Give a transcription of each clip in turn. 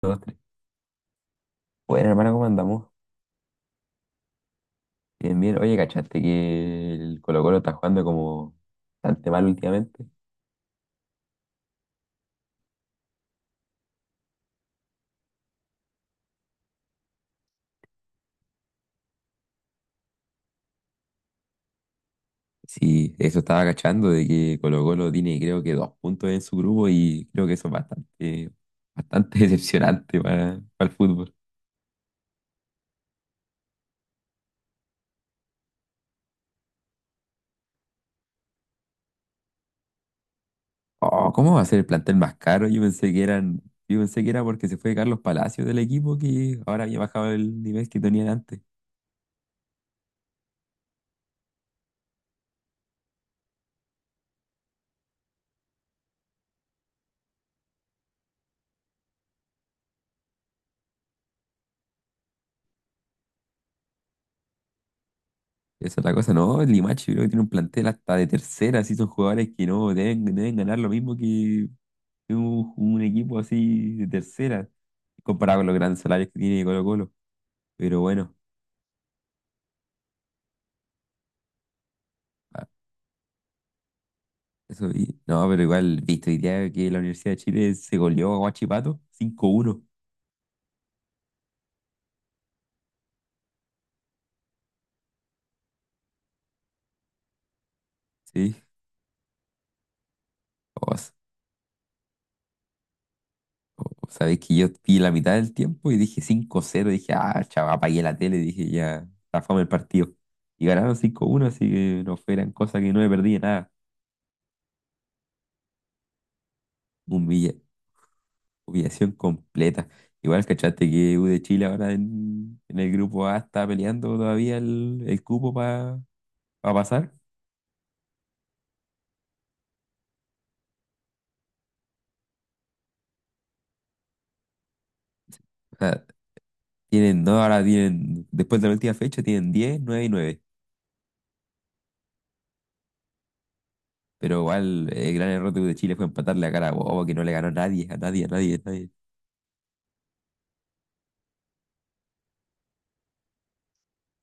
2, 3. Bueno, hermano, ¿cómo andamos? Bien, bien. Oye, ¿cachaste que el Colo-Colo está jugando como bastante mal últimamente? Sí, eso estaba cachando de que Colo-Colo tiene creo que dos puntos en su grupo y creo que eso es bastante decepcionante para el fútbol. Oh, ¿cómo va a ser el plantel más caro? Yo pensé que era porque se fue Carlos Palacios del equipo que ahora había bajado el nivel que tenían antes. Esa es la cosa, no, el Limache creo que tiene un plantel hasta de tercera, así son jugadores que no deben, deben ganar lo mismo que un equipo así de tercera, comparado con los grandes salarios que tiene Colo-Colo. Pero bueno, ah, no, pero igual, viste, hoy día que la Universidad de Chile se goleó a Huachipato 5-1. Sí, o, s- sabéis que yo vi la mitad del tiempo y dije 5-0. Dije, ah, chaval, apagué la tele. Dije, ya, la fama el partido. Y ganaron 5-1, así que no fue gran cosa, que no me perdí de nada. Humillación completa. Igual, ¿cachaste que U de Chile ahora en el grupo A está peleando todavía el cupo para pasar? O sea, no, ahora tienen, después de la última fecha, tienen diez, 9 y nueve. Pero igual, el gran error de U de Chile fue empatarle a Carabobo, que no le ganó a nadie, a nadie, a nadie, a nadie.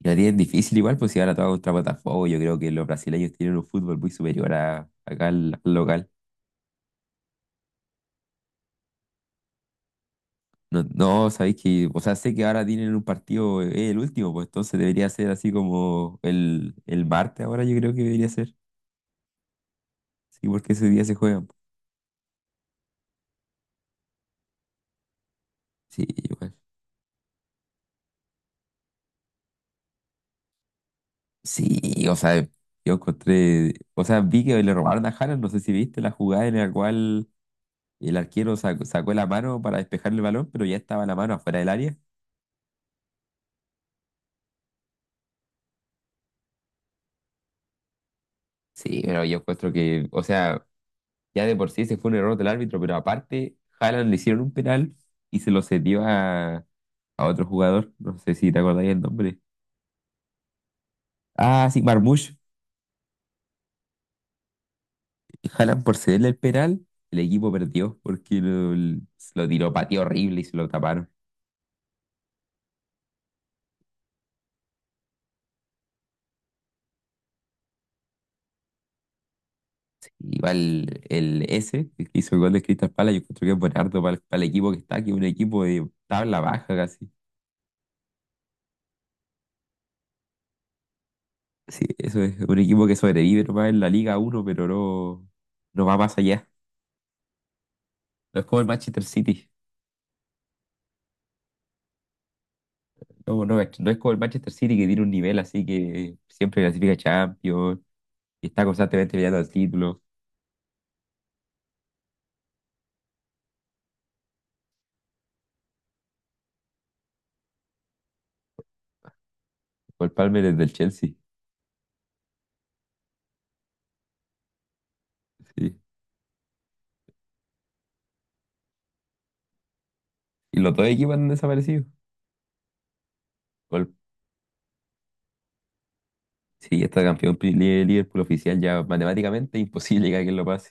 Y la tienen difícil igual, pues si ahora todo contra Botafogo, yo creo que los brasileños tienen un fútbol muy superior a, acá al local. No, no, sabéis que, o sea, sé que ahora tienen un partido, es el último, pues entonces debería ser así como el martes ahora, yo creo que debería ser. Sí, porque ese día se juegan, pues. Sí, igual. Sí, o sea, yo encontré, o sea, vi que le robaron a Haaland, no sé si viste la jugada en la cual el arquero sacó la mano para despejar el balón, pero ya estaba la mano afuera del área. Sí, pero yo encuentro que, o sea, ya de por sí se fue un error del árbitro, pero aparte, Haaland le hicieron un penal y se lo cedió a otro jugador, no sé si te acordáis el nombre. Ah, sí, Marmoush. Jalan por cederle el penal, el equipo perdió porque lo tiró patio horrible y se lo taparon. Sí, igual el S, el que hizo el gol de Crystal Palace, yo creo que es buen harto para el equipo que está, que es un equipo de tabla baja casi. Sí, eso es un equipo que sobrevive nomás en la Liga uno, pero no, no va más allá. No es como el Manchester City. No, no, es no es como el Manchester City, que tiene un nivel así que siempre clasifica Champions y está constantemente peleando el título. Cole Palmer es del Chelsea. Sí. Y los dos equipos han desaparecido. Cole- sí, está campeón pri- li- Liverpool oficial ya matemáticamente imposible que alguien lo pase.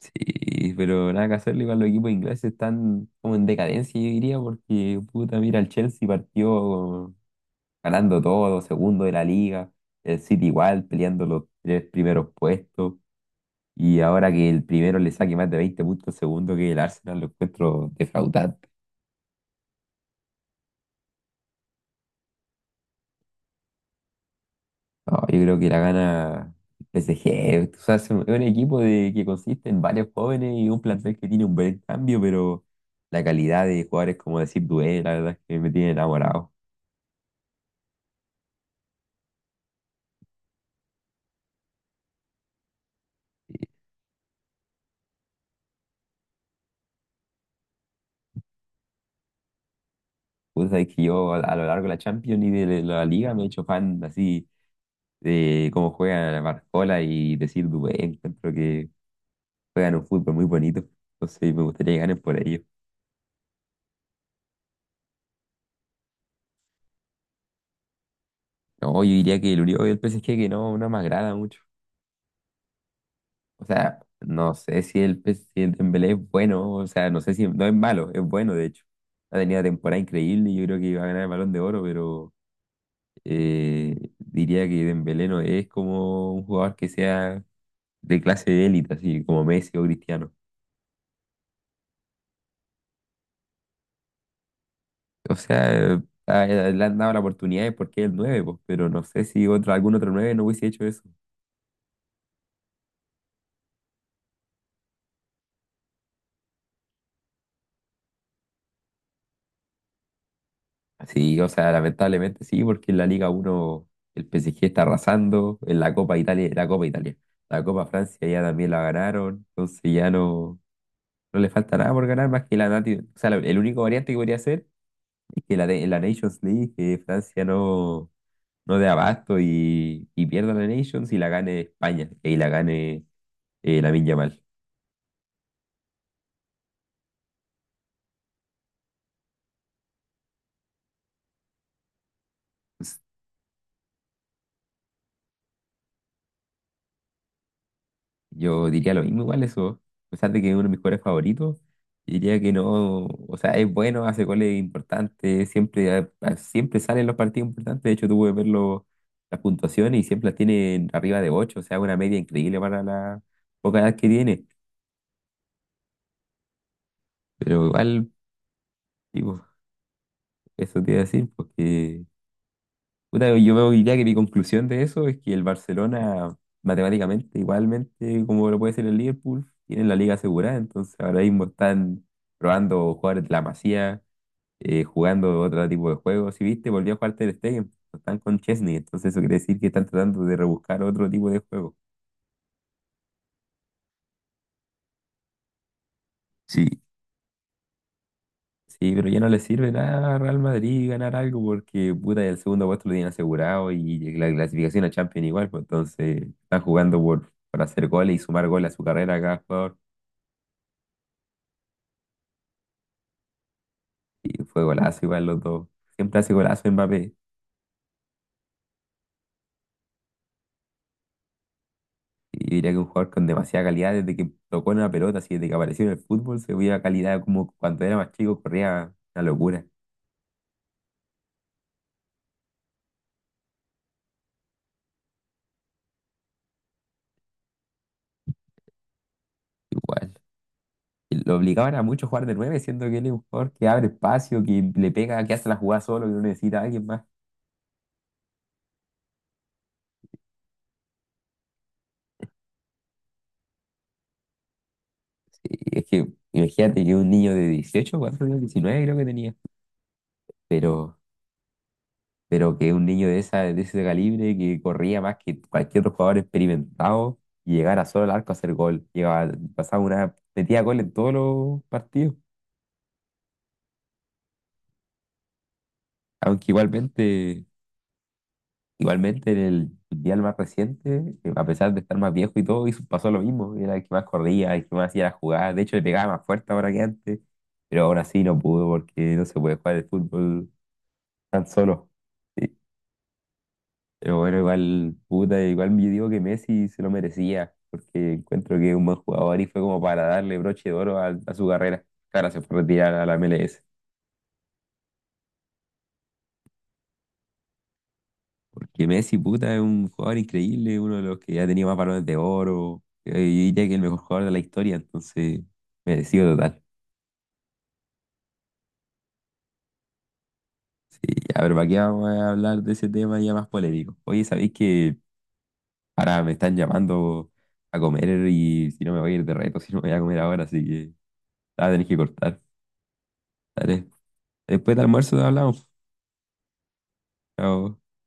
Sí, pero nada que hacerle, igual los equipos ingleses están como en decadencia, yo diría, porque puta, mira, el Chelsea partió ganando todo, segundo de la liga, el City igual, peleando los tres primeros puestos, y ahora que el primero le saque más de 20 puntos al segundo, que el Arsenal, lo encuentro defraudado. No, yo creo que la gana PSG. O sea, es un equipo de, que consiste en varios jóvenes y un plantel que tiene un buen cambio, pero la calidad de jugadores, como decir, Dué, la verdad es que me tiene enamorado. Y, puta, es que yo a lo largo de la Champions y de la Liga me he hecho fan así de cómo juega Barcola y decir Dué. Encuentro que juegan un fútbol muy bonito. Entonces me gustaría que ganen por ello. No, yo diría que el Uribe y el PSG que no, no me agrada mucho. O sea, no sé si el, pe- si el Dembélé es bueno, o sea, no sé si no es malo, es bueno de hecho. Ha tenido una temporada increíble y yo creo que iba a ganar el Balón de Oro, pero diría que Dembélé no es como un jugador que sea de clase de élite, así como Messi o Cristiano. O sea, a- le han dado la oportunidad porque es el nueve, pues, pero no sé si otro, algún otro nueve no hubiese hecho eso. Sí, o sea, lamentablemente sí, porque en la Liga uno el PSG está arrasando, en la Copa Italia, la Copa Italia, la Copa Francia ya también la ganaron, entonces ya no, no le falta nada por ganar más que la Nati, o sea, lo- el único variante que podría ser es que en la Nations League que Francia no, no dé abasto y pierda la Nations y la gane España, y la gane Lamine Yamal. Yo diría lo mismo igual eso. A pesar de que es uno de mis jugadores favoritos, diría que no, o sea, es bueno, hace goles importantes, siempre, a- siempre sale en los partidos importantes. De hecho, tuve que ver las puntuaciones y siempre las tiene arriba de 8, o sea, una media increíble para la poca edad que tiene. Pero igual, digo, eso te iba a decir, porque puta, yo veo hoy día que mi conclusión de eso es que el Barcelona, matemáticamente, igualmente, como lo puede ser el Liverpool, tienen la liga asegurada, entonces ahora mismo están probando jugadores de la Masía, jugando otro tipo de juegos. Si viste, volvió a jugar Ter Stegen, están con Chesney, entonces eso quiere decir que están tratando de rebuscar otro tipo de juego. Sí, pero ya no le sirve nada a Real Madrid ganar algo porque puta, el segundo puesto lo tienen asegurado y la clasificación a Champions igual, pues entonces están jugando por hacer goles y sumar goles a su carrera cada jugador. Y fue golazo igual los dos. Siempre hace golazo Mbappé. Y yo diría que un jugador con demasiada calidad desde que tocó una pelota, así desde que apareció en el fútbol, se veía calidad como cuando era más chico, corría una locura. Igual. Y lo obligaban a mucho a jugar de nueve, siendo que él es un jugador que abre espacio, que le pega, que hace la jugada solo, que no necesita a alguien más. Y es que, imagínate, que un niño de 18 ¿cuántos años? 19 creo que tenía. Pero, pero que un niño de, esa, de ese calibre que corría más que cualquier otro jugador experimentado y llegara solo al arco a hacer gol. Llegaba, pasaba una, metía gol en todos los partidos. Aunque igualmente en el mundial más reciente, a pesar de estar más viejo y todo, hizo- pasó lo mismo. Era el que más corría, el que más hacía la jugada. De hecho, le pegaba más fuerte ahora que antes. Pero aún así no pudo porque no se puede jugar el fútbol tan solo. Pero bueno, igual, puta, igual yo digo que Messi se lo merecía, porque encuentro que es un buen jugador y fue como para darle broche de oro a su carrera. Claro, se fue a retirar a la MLS. Porque Messi, puta, es un jugador increíble, uno de los que ha tenido más balones de oro. Eh, yo diría que el mejor jugador de la historia, entonces, merecido total. Sí, ya, pero ¿para qué vamos a hablar de ese tema ya más polémico? Oye, ¿sabéis que ahora me están llamando a comer y si no me voy a ir de reto, si no me voy a comer ahora, así que ah, tenéis que cortar, ¿vale? Después del almuerzo hablamos. Chao.